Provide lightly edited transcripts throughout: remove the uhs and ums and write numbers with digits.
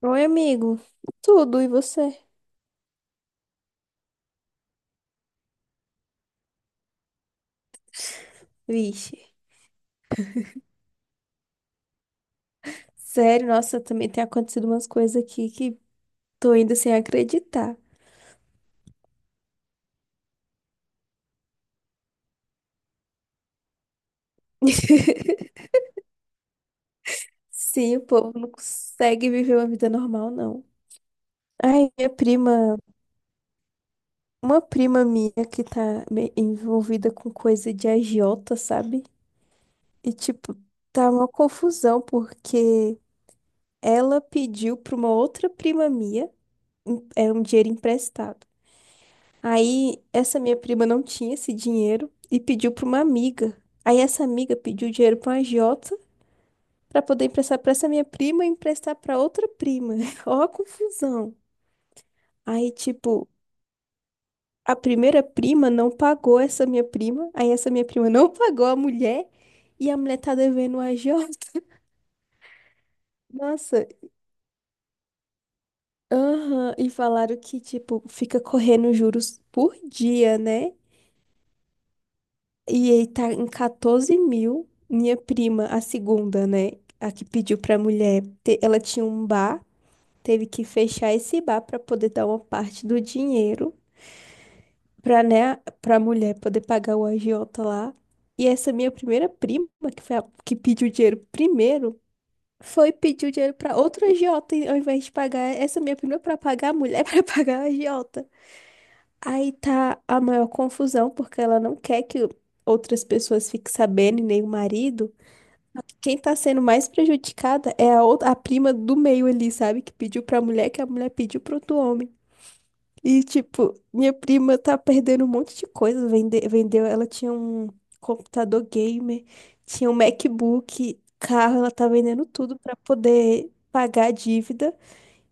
Oi, amigo. Tudo, e você? Vixe. Sério, nossa, também tem acontecido umas coisas aqui que tô indo sem acreditar. Sim, o povo não consegue viver uma vida normal, não. Ai, minha prima, uma prima minha que tá envolvida com coisa de agiota, sabe? E tipo, tá uma confusão porque ela pediu pra uma outra prima minha, é um dinheiro emprestado. Aí essa minha prima não tinha esse dinheiro e pediu para uma amiga. Aí essa amiga pediu dinheiro para uma agiota para poder emprestar para essa minha prima e emprestar para outra prima. Ó a confusão. Aí tipo, a primeira prima não pagou essa minha prima, aí essa minha prima não pagou a mulher e a mulher tá devendo a agiota. Nossa, aham, e falaram que tipo fica correndo juros por dia, né? E ele tá em 14 mil. Minha prima, a segunda, né? A que pediu pra mulher. Ela tinha um bar, teve que fechar esse bar pra poder dar uma parte do dinheiro pra, né, pra mulher poder pagar o agiota lá. E essa minha primeira prima, que foi a que pediu o dinheiro primeiro, foi pedir o dinheiro pra outra agiota, e ao invés de pagar essa minha prima pra pagar a mulher, pra pagar a agiota. Aí tá a maior confusão, porque ela não quer que outras pessoas fiquem sabendo, e nem o marido. Quem tá sendo mais prejudicada é a outra, a prima do meio ali, sabe? Que pediu pra mulher, que a mulher pediu pro outro homem. E, tipo, minha prima tá perdendo um monte de coisa. Vende, vendeu, ela tinha um computador gamer, tinha um MacBook, carro, ela tá vendendo tudo pra poder pagar a dívida.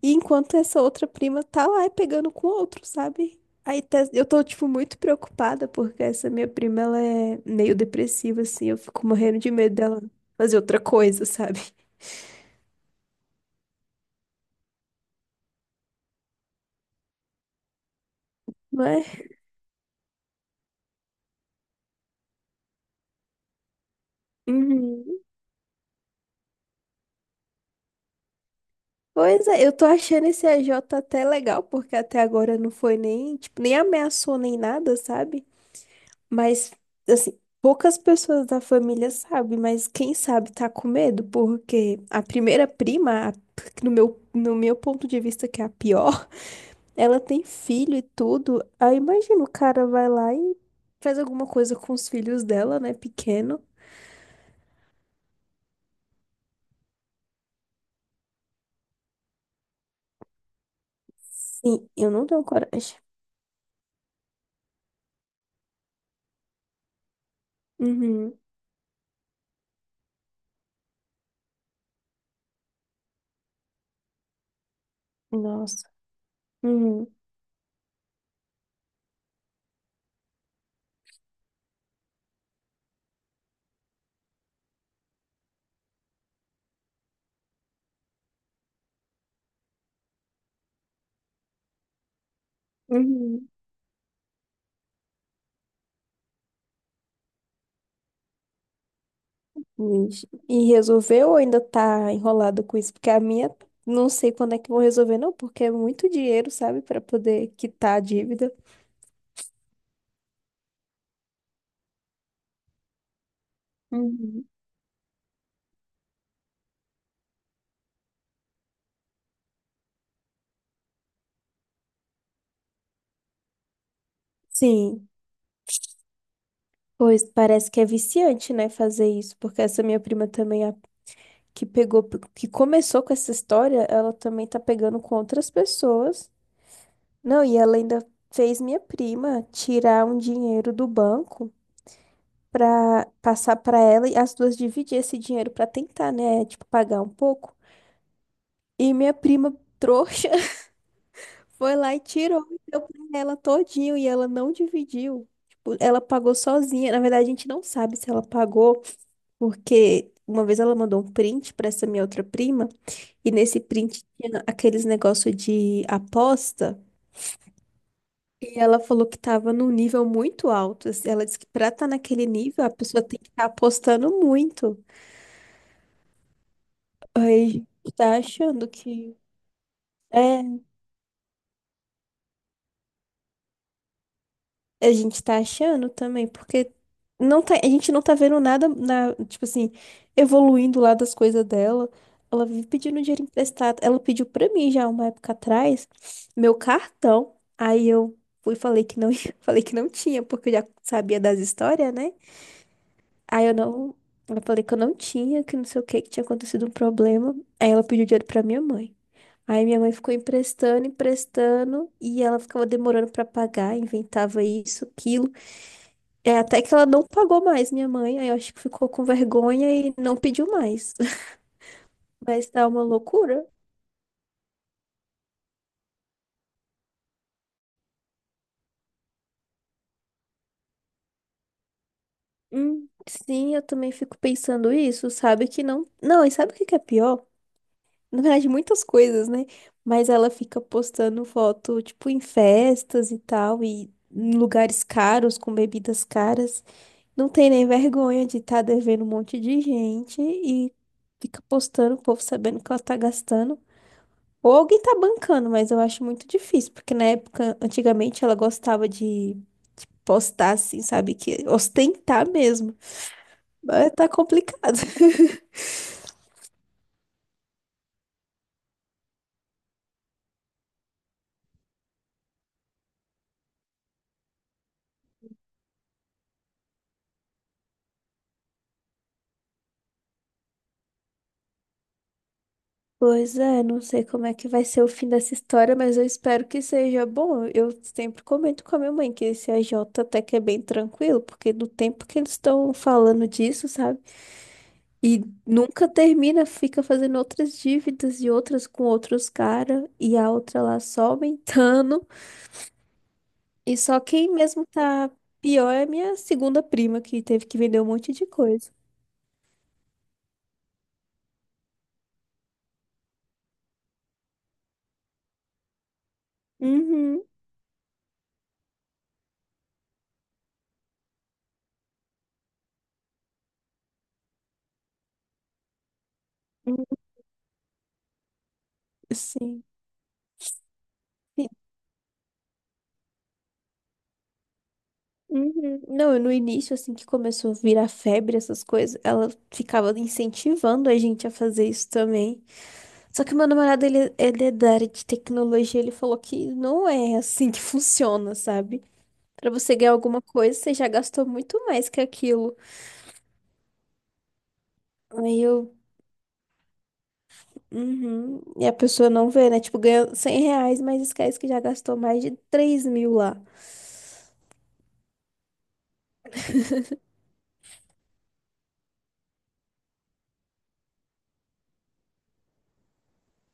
E enquanto essa outra prima tá lá e pegando com outro, sabe? Eu tô, tipo, muito preocupada porque essa minha prima, ela é meio depressiva, assim. Eu fico morrendo de medo dela fazer outra coisa, sabe? Mas... Uhum. Pois é, eu tô achando esse AJ até legal, porque até agora não foi nem, tipo, nem ameaçou nem nada, sabe? Mas, assim, poucas pessoas da família sabem, mas quem sabe tá com medo, porque a primeira prima, no meu, ponto de vista, que é a pior. Ela tem filho e tudo. Aí imagina o cara vai lá e faz alguma coisa com os filhos dela, né? Pequeno. Sim, eu não tenho coragem. Uhum. Nossa. Uhum. Uhum. Vixe. E resolveu ou ainda tá enrolado com isso? Porque a minha, não sei quando é que vão resolver, não, porque é muito dinheiro, sabe, pra poder quitar a dívida. Uhum. Sim, pois parece que é viciante, né, fazer isso, porque essa minha prima também que pegou, que começou com essa história, ela também tá pegando com outras pessoas. Não, e ela ainda fez minha prima tirar um dinheiro do banco pra passar pra ela e as duas dividir esse dinheiro pra tentar, né, tipo pagar um pouco. E minha prima trouxa foi lá e tirou e deu pra ela todinho e ela não dividiu. Tipo, ela pagou sozinha. Na verdade, a gente não sabe se ela pagou porque uma vez ela mandou um print pra essa minha outra prima. E nesse print tinha aqueles negócio de aposta. E ela falou que tava num nível muito alto, assim. Ela disse que pra estar naquele nível, a pessoa tem que estar apostando muito. Aí tá achando que. É, a gente tá achando também, porque não tá, a gente não tá vendo nada na, tipo assim, evoluindo lá das coisas dela. Ela vive pedindo dinheiro emprestado. Ela pediu pra mim já uma época atrás meu cartão. Aí eu fui e falei que não, falei que não tinha, porque eu já sabia das histórias, né? Aí eu não, eu falei que eu não tinha, que não sei o que, que tinha acontecido um problema. Aí ela pediu dinheiro pra minha mãe. Aí minha mãe ficou emprestando, emprestando, e ela ficava demorando pra pagar, inventava isso, aquilo. É, até que ela não pagou mais minha mãe, aí eu acho que ficou com vergonha e não pediu mais. Mas tá uma loucura. Sim, eu também fico pensando isso, sabe que não. Não, e sabe o que que é pior? Na verdade, muitas coisas, né? Mas ela fica postando foto, tipo, em festas e tal, e em lugares caros, com bebidas caras. Não tem nem vergonha de estar devendo um monte de gente e fica postando o povo sabendo que ela tá gastando. Ou alguém tá bancando, mas eu acho muito difícil, porque na época, antigamente, ela gostava de postar assim, sabe? Que ostentar mesmo. Mas tá complicado. Pois é, não sei como é que vai ser o fim dessa história, mas eu espero que seja bom. Eu sempre comento com a minha mãe que esse AJ até que é bem tranquilo, porque do tempo que eles estão falando disso, sabe? E nunca termina, fica fazendo outras dívidas e outras com outros caras, e a outra lá só aumentando. E só quem mesmo tá pior é minha segunda prima, que teve que vender um monte de coisa. Uhum. Uhum. Sim. Sim. Uhum. Não, no início, assim que começou a virar febre, essas coisas, ela ficava incentivando a gente a fazer isso também. Só que meu namorado, ele é da área de tecnologia, ele falou que não é assim que funciona, sabe? Pra você ganhar alguma coisa, você já gastou muito mais que aquilo. Aí eu Uhum. E a pessoa não vê, né? Tipo, ganha 100 reais, mas esquece que já gastou mais de 3 mil lá.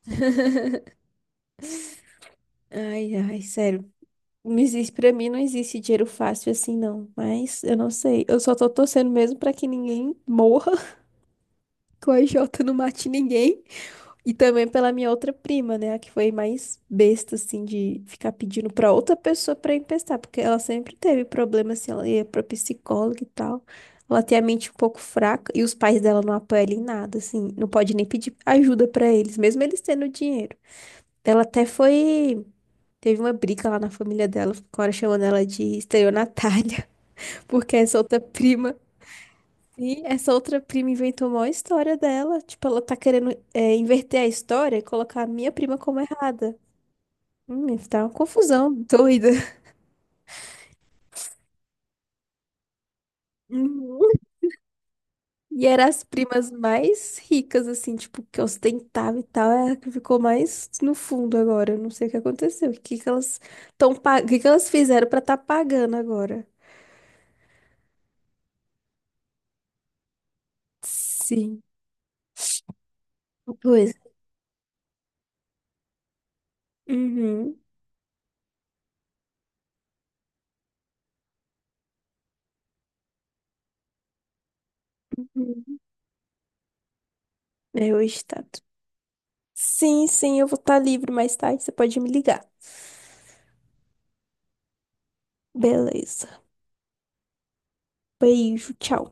Ai, ai, sério. Não existe, pra mim não existe dinheiro fácil assim, não. Mas eu não sei. Eu só tô torcendo mesmo pra que ninguém morra, que o AJ não mate ninguém. E também pela minha outra prima, né? A que foi mais besta, assim, de ficar pedindo pra outra pessoa pra emprestar, porque ela sempre teve problema, assim, ela ia pra psicóloga e tal. Ela tem a mente um pouco fraca e os pais dela não apoiam ela em nada, assim, não pode nem pedir ajuda pra eles, mesmo eles tendo dinheiro. Ela até foi. Teve uma briga lá na família dela, agora chamando ela de estelionatária, porque essa outra prima. Sim, essa outra prima inventou uma história dela. Tipo, ela tá querendo é, inverter a história e colocar a minha prima como errada. Tá uma confusão doida. Uhum. E eram as primas mais ricas, assim, tipo, que ostentava e tal. É a que ficou mais no fundo agora. Eu não sei o que aconteceu. O que que elas o que que elas fizeram pra tá pagando agora? Sim. Pois. Uhum. Uhum. É o estado. Sim, sim, eu vou estar livre mais tarde. Você pode me ligar. Beleza. Beijo, tchau.